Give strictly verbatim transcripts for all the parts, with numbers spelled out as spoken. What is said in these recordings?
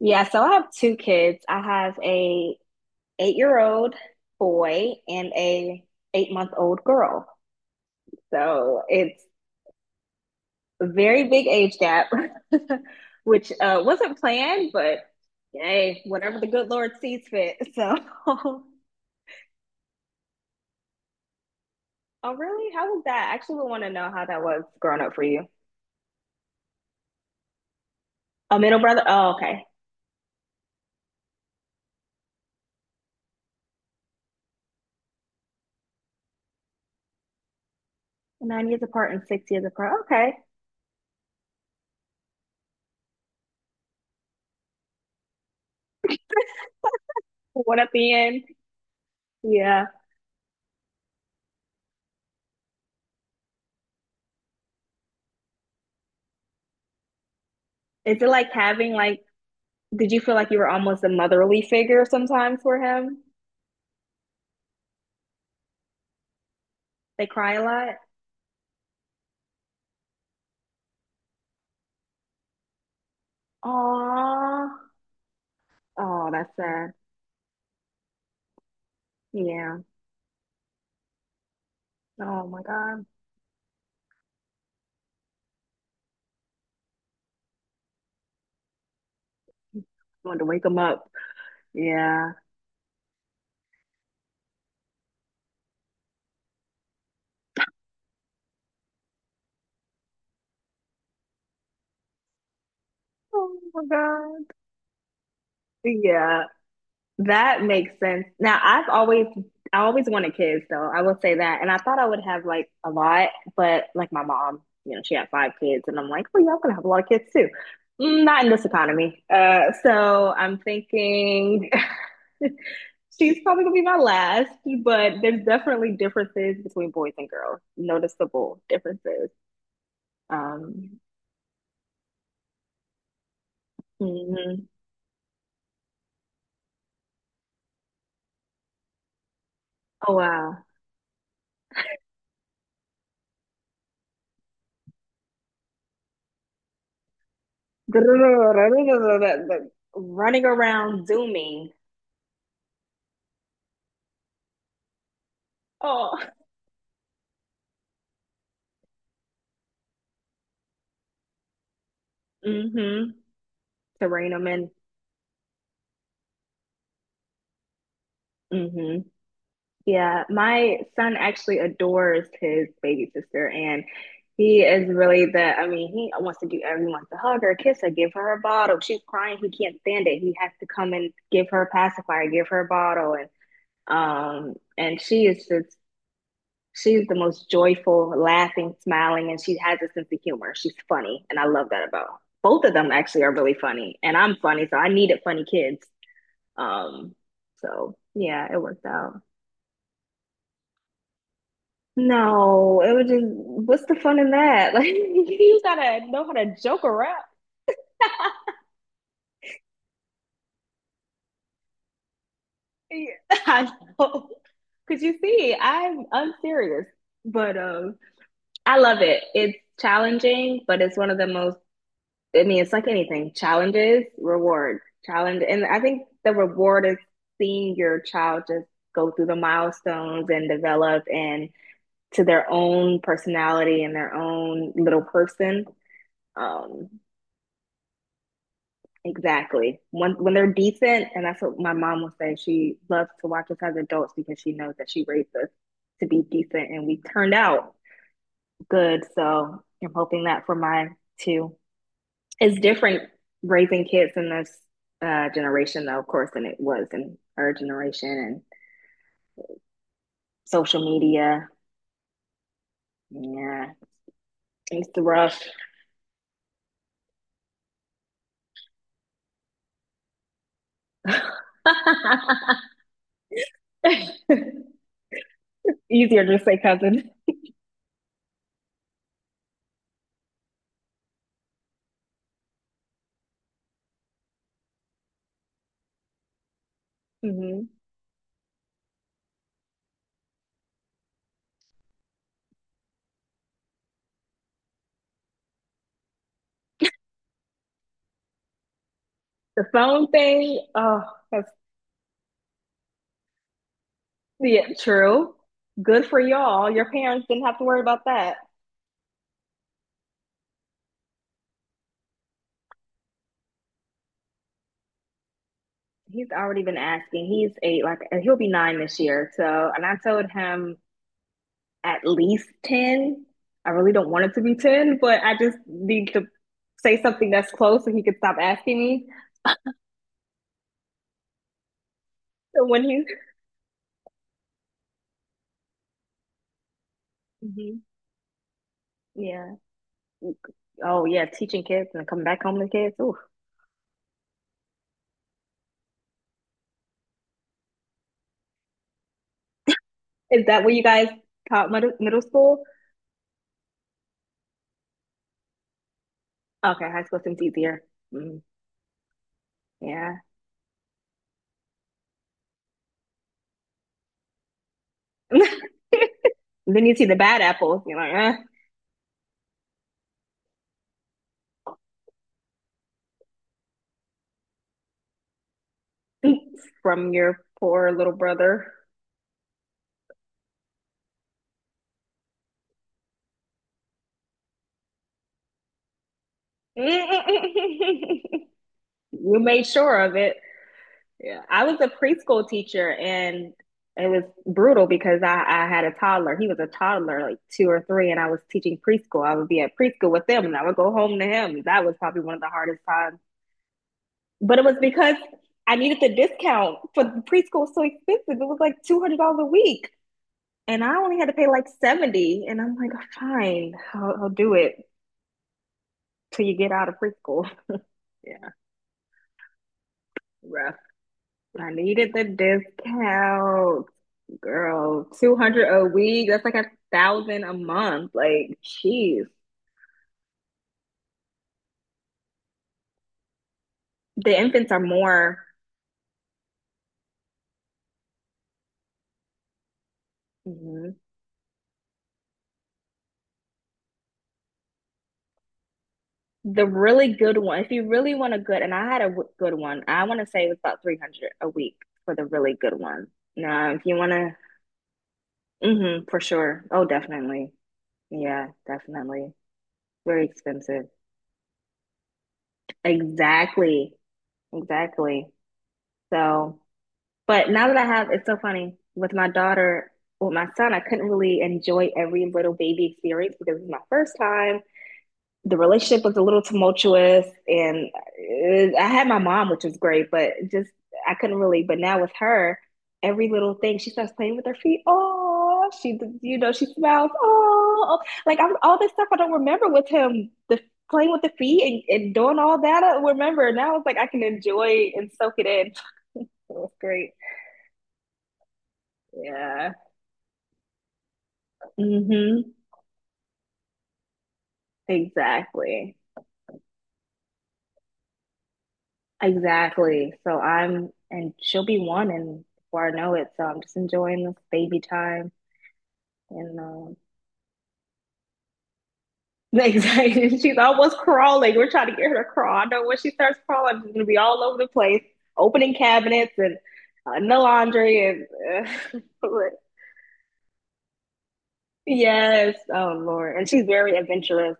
Yeah, so I have two kids. I have a eight-year-old boy and a eight-month-old girl. So it's a very big age gap, which uh, wasn't planned, but hey, whatever the good Lord sees fit. So, oh really? How was that? I actually would want to know how that was growing up for you. A middle brother? Oh, okay. Nine years apart and six years apart. Okay. What at the end? Yeah. Is it like having like did you feel like you were almost a motherly figure sometimes for him? They cry a lot. Aw. Oh, that's sad. Yeah. Oh my God. I wanted to wake him up. Yeah. Oh my God. Yeah. That makes sense. Now, I've always I always wanted kids though. I will say that. And I thought I would have like a lot, but like my mom, you know, she had five kids and I'm like, well, y'all gonna have a lot of kids too. Mm, Not in this economy. Uh, so I'm thinking she's probably gonna be my last, but there's definitely differences between boys and girls. Noticeable differences. Um, mhm. Oh wow. Running around zooming. Oh. Mm-hmm. To rein them in. Mm-hmm. Yeah, my son actually adores his baby sister, and he is really the. I mean, he wants to do everything. He wants to hug her, kiss her, give her a bottle. She's crying. He can't stand it. He has to come and give her a pacifier, give her a bottle, and um, and she is just. She's the most joyful, laughing, smiling, and she has a sense of humor. She's funny, and I love that about both of them. Actually, are really funny, and I'm funny, so I needed funny kids. Um, so yeah, it worked out. No, it was just what's the fun in that? Like you gotta know how to joke around. Yeah, I know. Cause you see, I'm unserious, but um, I love it. It's challenging, but it's one of the most. I mean, it's like anything: challenges, reward, challenge, and I think the reward is seeing your child just go through the milestones and develop and to their own personality and their own little person. Um, exactly. When when they're decent, and that's what my mom will say. She loves to watch us as adults because she knows that she raised us to be decent, and we turned out good. So I'm hoping that for mine too. It's different raising kids in this uh, generation, though, of course, than it was in our generation and social media. Yeah, it's rough. Easier to just say cousin. Hmm. The phone thing, oh, that's yeah, true. Good for y'all. Your parents didn't have to worry about that. He's already been asking. He's eight, like he'll be nine this year. So, and I told him at least ten. I really don't want it to be ten, but I just need to say something that's close so he could stop asking me. So when he, mhm, yeah. Oh, yeah, teaching kids and coming back home to kids. Ooh. Is that where you guys taught middle, middle school? Okay, high school seems easier. Mm, yeah. And then you see the bad apples, you're like, eh, from your poor little brother. You made sure of it. Yeah. I was a preschool teacher and it was brutal because I, I had a toddler. He was a toddler, like two or three, and I was teaching preschool. I would be at preschool with them and I would go home to him. That was probably one of the hardest times. But it was because I needed the discount for preschool so expensive. It was like two hundred dollars a week. And I only had to pay like seventy. And I'm like, fine, I'll, I'll do it till you get out of preschool. Yeah, rough. I needed the discount, girl. two hundred a week. That's like a thousand a month. Like, jeez. The infants are more mhm. The really good one. If you really want a good, and I had a w- good one, I want to say it was about three hundred a week for the really good one. Now, if you want to, hmm, for sure. Oh, definitely. Yeah, definitely. Very expensive. Exactly. Exactly. So, but now that I have, it's so funny with my daughter, with my son, I couldn't really enjoy every little baby experience because it was my first time the relationship was a little tumultuous and it, I had my mom, which was great, but just I couldn't really. But now with her, every little thing, she starts playing with her feet. Oh, she, you know, she smiles. Oh, like I'm, all this stuff I don't remember with him, the playing with the feet and, and doing all that. I remember now it's like I can enjoy and soak it in. It was great. Yeah. Mm-hmm. Exactly. Exactly. So I'm, and she'll be one, and before I know it, so I'm just enjoying this baby time. And um, exactly, she's almost crawling. We're trying to get her to crawl. I know when she starts crawling, she's gonna be all over the place, opening cabinets and uh, the laundry and. Uh, yes, oh Lord. And she's very adventurous.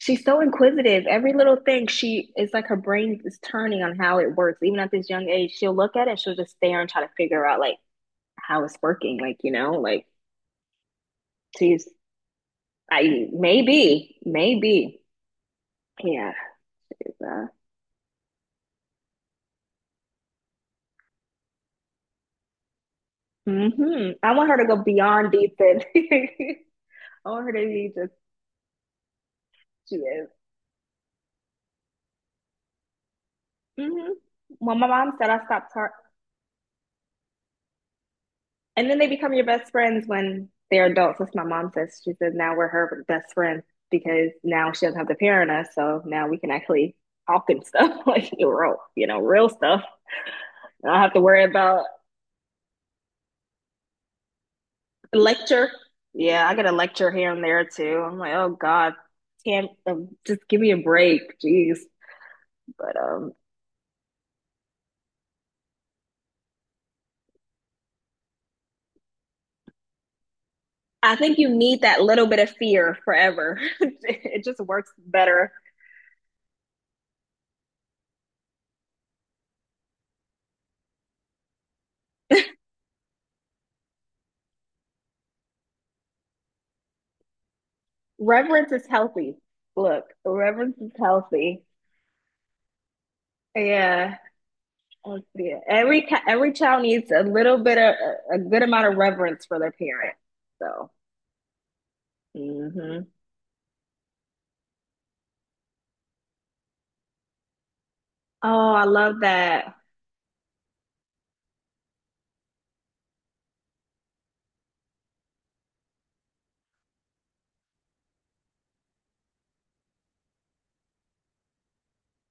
She's so inquisitive. Every little thing, she it's like her brain is turning on how it works. Even at this young age, she'll look at it, she'll just stare and try to figure out like how it's working. Like, you know, like, geez, I maybe, maybe. Yeah. it's, uh, hmm, I want her to go beyond defense. I want her to be just, she is. Hmm. Well, my mom said I stopped her. And then they become your best friends when they're adults. That's what my mom says. She says now we're her best friend because now she doesn't have to parent us. So now we can actually talk and stuff like real, you know, real stuff. I don't have to worry about lecture. Yeah, I get a lecture here and there too. I'm like, oh God, can't um, just give me a break, jeez. But um, I think you need that little bit of fear forever. It just works better. Reverence is healthy. Look, reverence is healthy. Yeah. Let's see it. Every every child needs a little bit of a good amount of reverence for their parent. So, hmm, oh, I love that.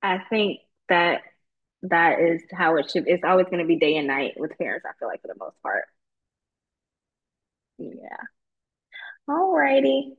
I think that that is how it should. It's always going to be day and night with parents, I feel like, for the most part. Yeah. Alrighty.